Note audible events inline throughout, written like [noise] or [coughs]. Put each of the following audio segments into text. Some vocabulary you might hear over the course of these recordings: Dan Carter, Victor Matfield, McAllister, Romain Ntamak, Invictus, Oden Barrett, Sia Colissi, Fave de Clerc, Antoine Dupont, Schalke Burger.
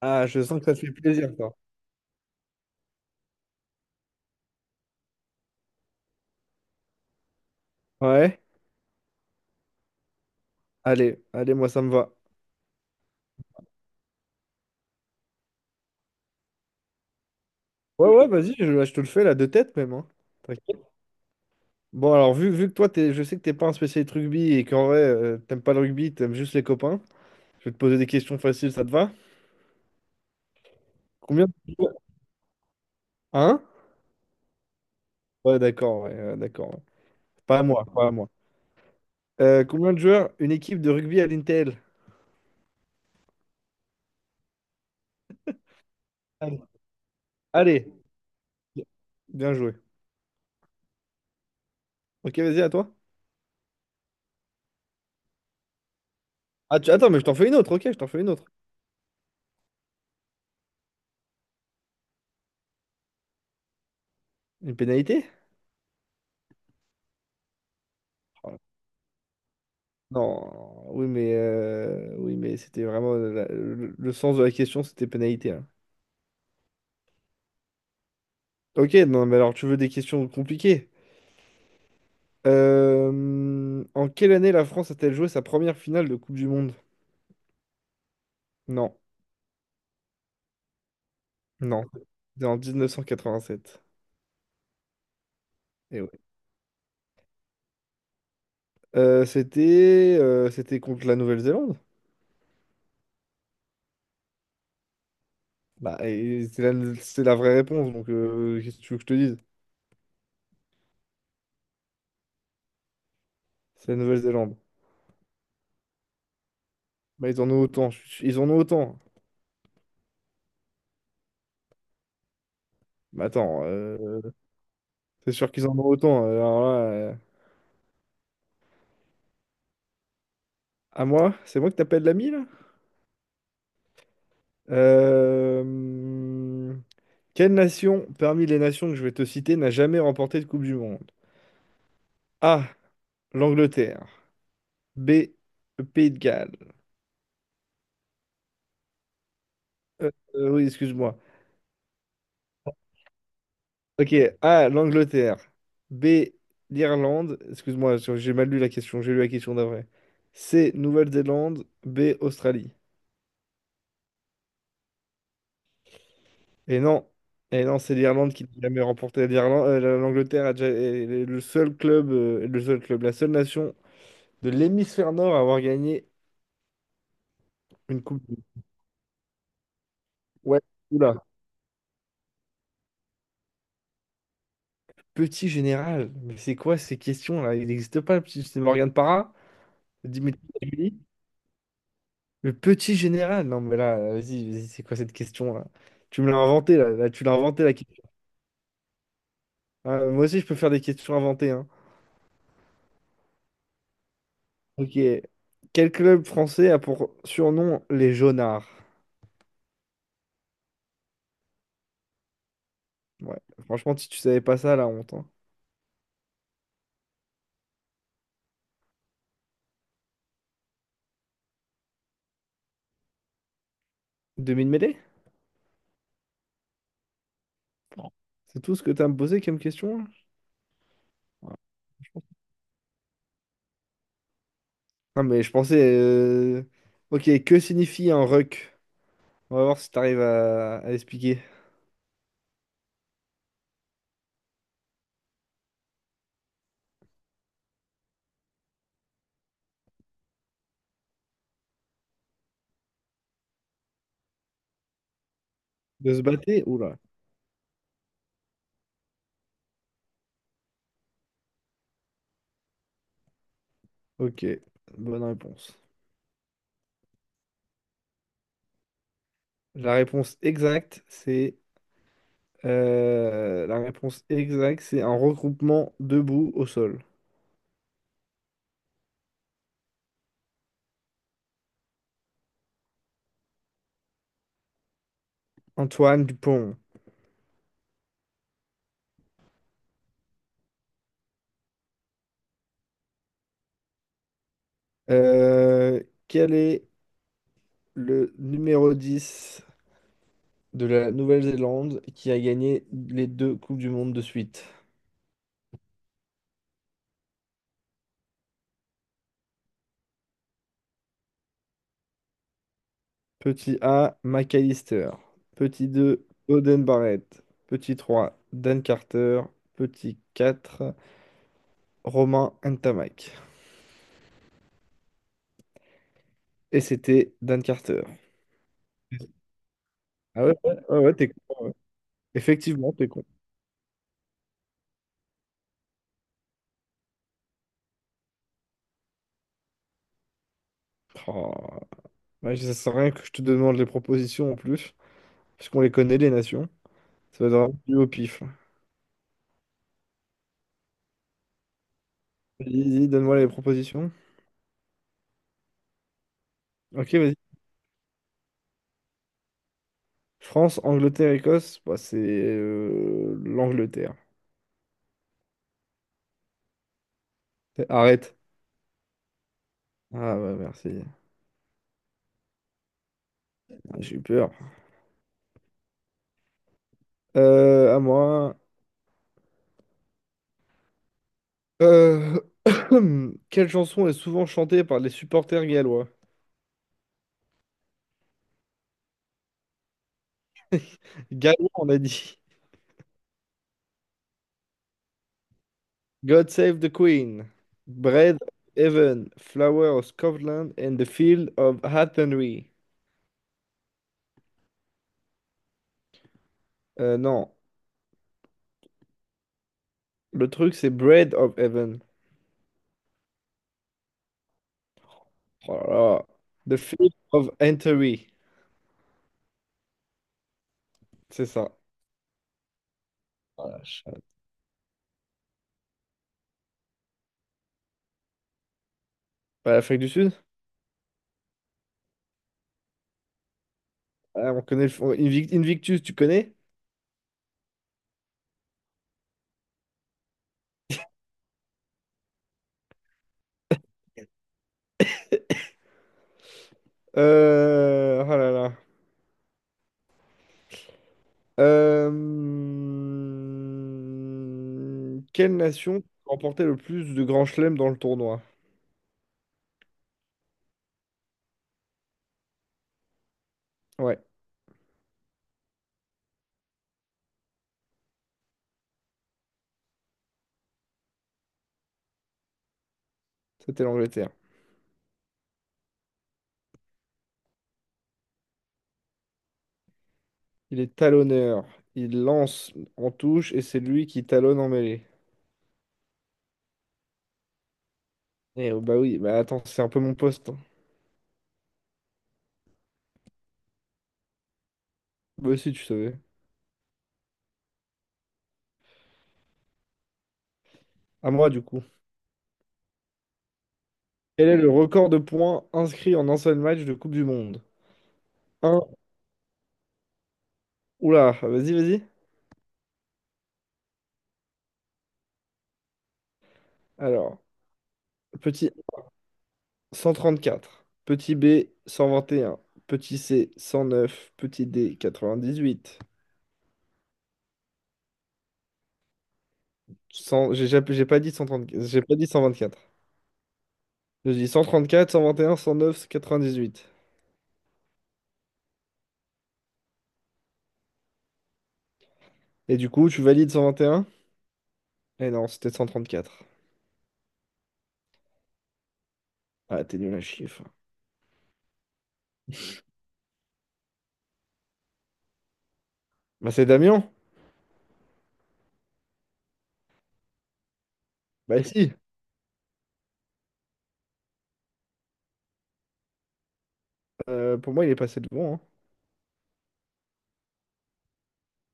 Ah, je sens que ça te fait plaisir, toi. Ouais, allez, allez, moi ça me va. Ouais, ouais, vas-y, je te le fais là de tête même, hein. T'inquiète. Bon, alors, vu que toi, t'es, je sais que t'es pas un spécialiste rugby et qu'en vrai, t'aimes pas le rugby, t'aimes juste les copains, je vais te poser des questions faciles, ça te va? Combien de joueurs? Hein? Ouais, d'accord, ouais, ouais, d'accord, ouais. Pas à moi, pas à moi. Combien de joueurs une équipe de rugby à l'Intel? Allez. Allez, bien joué. Ok, vas-y, à toi. Ah, attends, mais je t'en fais une autre, ok, je t'en fais une autre. Une pénalité? Non, oui, mais c'était vraiment le sens de la question, c'était pénalité, hein. Ok, non, mais alors tu veux des questions compliquées. En quelle année la France a-t-elle joué sa première finale de Coupe du Monde? Non, non, c'était en 1987. Et ouais. C'était contre la Nouvelle-Zélande. Bah, et c'est la vraie réponse, donc qu'est-ce que tu veux que je te dise? C'est la Nouvelle-Zélande. Bah, ils en ont autant, ils en ont autant. Mais attends, c'est sûr qu'ils en ont autant. Alors là. À moi? C'est moi que t'appelles l'ami, là? Euh, Quelle nation, parmi les nations que je vais te citer, n'a jamais remporté de Coupe du Monde? A. L'Angleterre. B. Le Pays de Galles. Euh, oui, excuse-moi. Ok. A. L'Angleterre. B. L'Irlande. Excuse-moi, j'ai mal lu la question. J'ai lu la question d'après. C. Nouvelle-Zélande. B. Australie. Et non. Et non, c'est l'Irlande qui n'a jamais remporté. L'Irlande, l'Angleterre a déjà, est le seul club, la seule nation de l'hémisphère nord à avoir gagné une coupe. Ouais, oula. Petit général, mais c'est quoi ces questions-là? Il n'existe pas le petit. C'est Morgane Parra? Dimitri Pavlovitch. Le petit général? Non, mais là, vas-y, vas-y, c'est quoi cette question-là? Tu me l'as inventé, là. Là, tu l'as inventé, la question. Ah, moi aussi, je peux faire des questions inventées, hein. Ok. Quel club français a pour surnom les Jaunards? Ouais. Franchement, si tu savais pas ça, la honte, hein. 2000 mêlées? C'est tout ce que t'as à me poser comme question, hein? Non, mais je pensais. Ok, que signifie un ruck? On va voir si t'arrives à expliquer. De se battre? Oula. Ok, bonne réponse. La réponse exacte, c'est. La réponse exacte, c'est un regroupement debout au sol. Antoine Dupont. Euh, Quel est le numéro 10 de la Nouvelle-Zélande qui a gagné les deux Coupes du Monde de suite? Petit A, McAllister. Petit 2, Oden Barrett. Petit 3, Dan Carter. Petit 4, Romain Ntamak. Et c'était Dan Carter. Ah ouais, ouais, ouais, ouais, t'es con. Effectivement, t'es con. Oh, ouais, ça sert à rien que je te demande les propositions en plus, parce qu'on les connaît, les nations. Ça va être vraiment du au pif. Vas-y, vas-y, donne-moi les propositions. Ok, vas-y. France, Angleterre, Écosse. Bah, c'est l'Angleterre. Arrête. Ah ouais, merci. Ah, j'ai eu peur. À moi. Euh, [coughs] [clears throat] Quelle chanson est souvent chantée par les supporters gallois? Gallois, on a dit. God Save the Queen, Bread of Heaven, Flower of Scotland and the Field of Athenry. Non, Le truc c'est Bread of Heaven. Oh là là. The Field of Athenry. C'est ça. Voilà. Ouais, l'Afrique du Sud? Ah, on connaît Invictus, tu connais? Oh là là. Euh, Quelle nation remportait le plus de grands chelems dans le tournoi? Ouais, c'était l'Angleterre. Il est talonneur. Il lance en touche et c'est lui qui talonne en mêlée. Eh oh, bah oui, bah attends, c'est un peu mon poste, hein. Bah aussi, tu savais. À moi, du coup. Quel est le record de points inscrits en un seul match de Coupe du Monde? Un. Oula, vas-y, vas-y. Alors, petit 134, petit B 121, petit C 109, petit D 98. 100. J'ai pas dit 134, j'ai pas dit 124. Je dis 134, 121, 109, 98. Et un, 109, 98. Et du coup, tu valides 121? Eh non, c'était 134. Ah, t'es nul à chiffre. Bah, c'est Damien? Bah, si. Pour moi, il est passé devant, hein.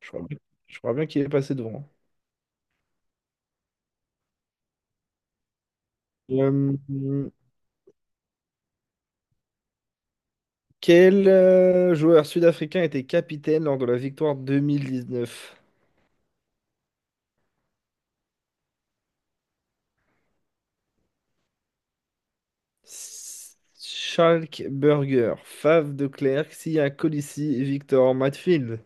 Je crois, bien je crois bien qu'il est passé devant. Euh, quel joueur sud-africain était capitaine lors de la victoire 2019? Schalke Burger, Fave de Clerc, Sia Colissi, Victor Matfield.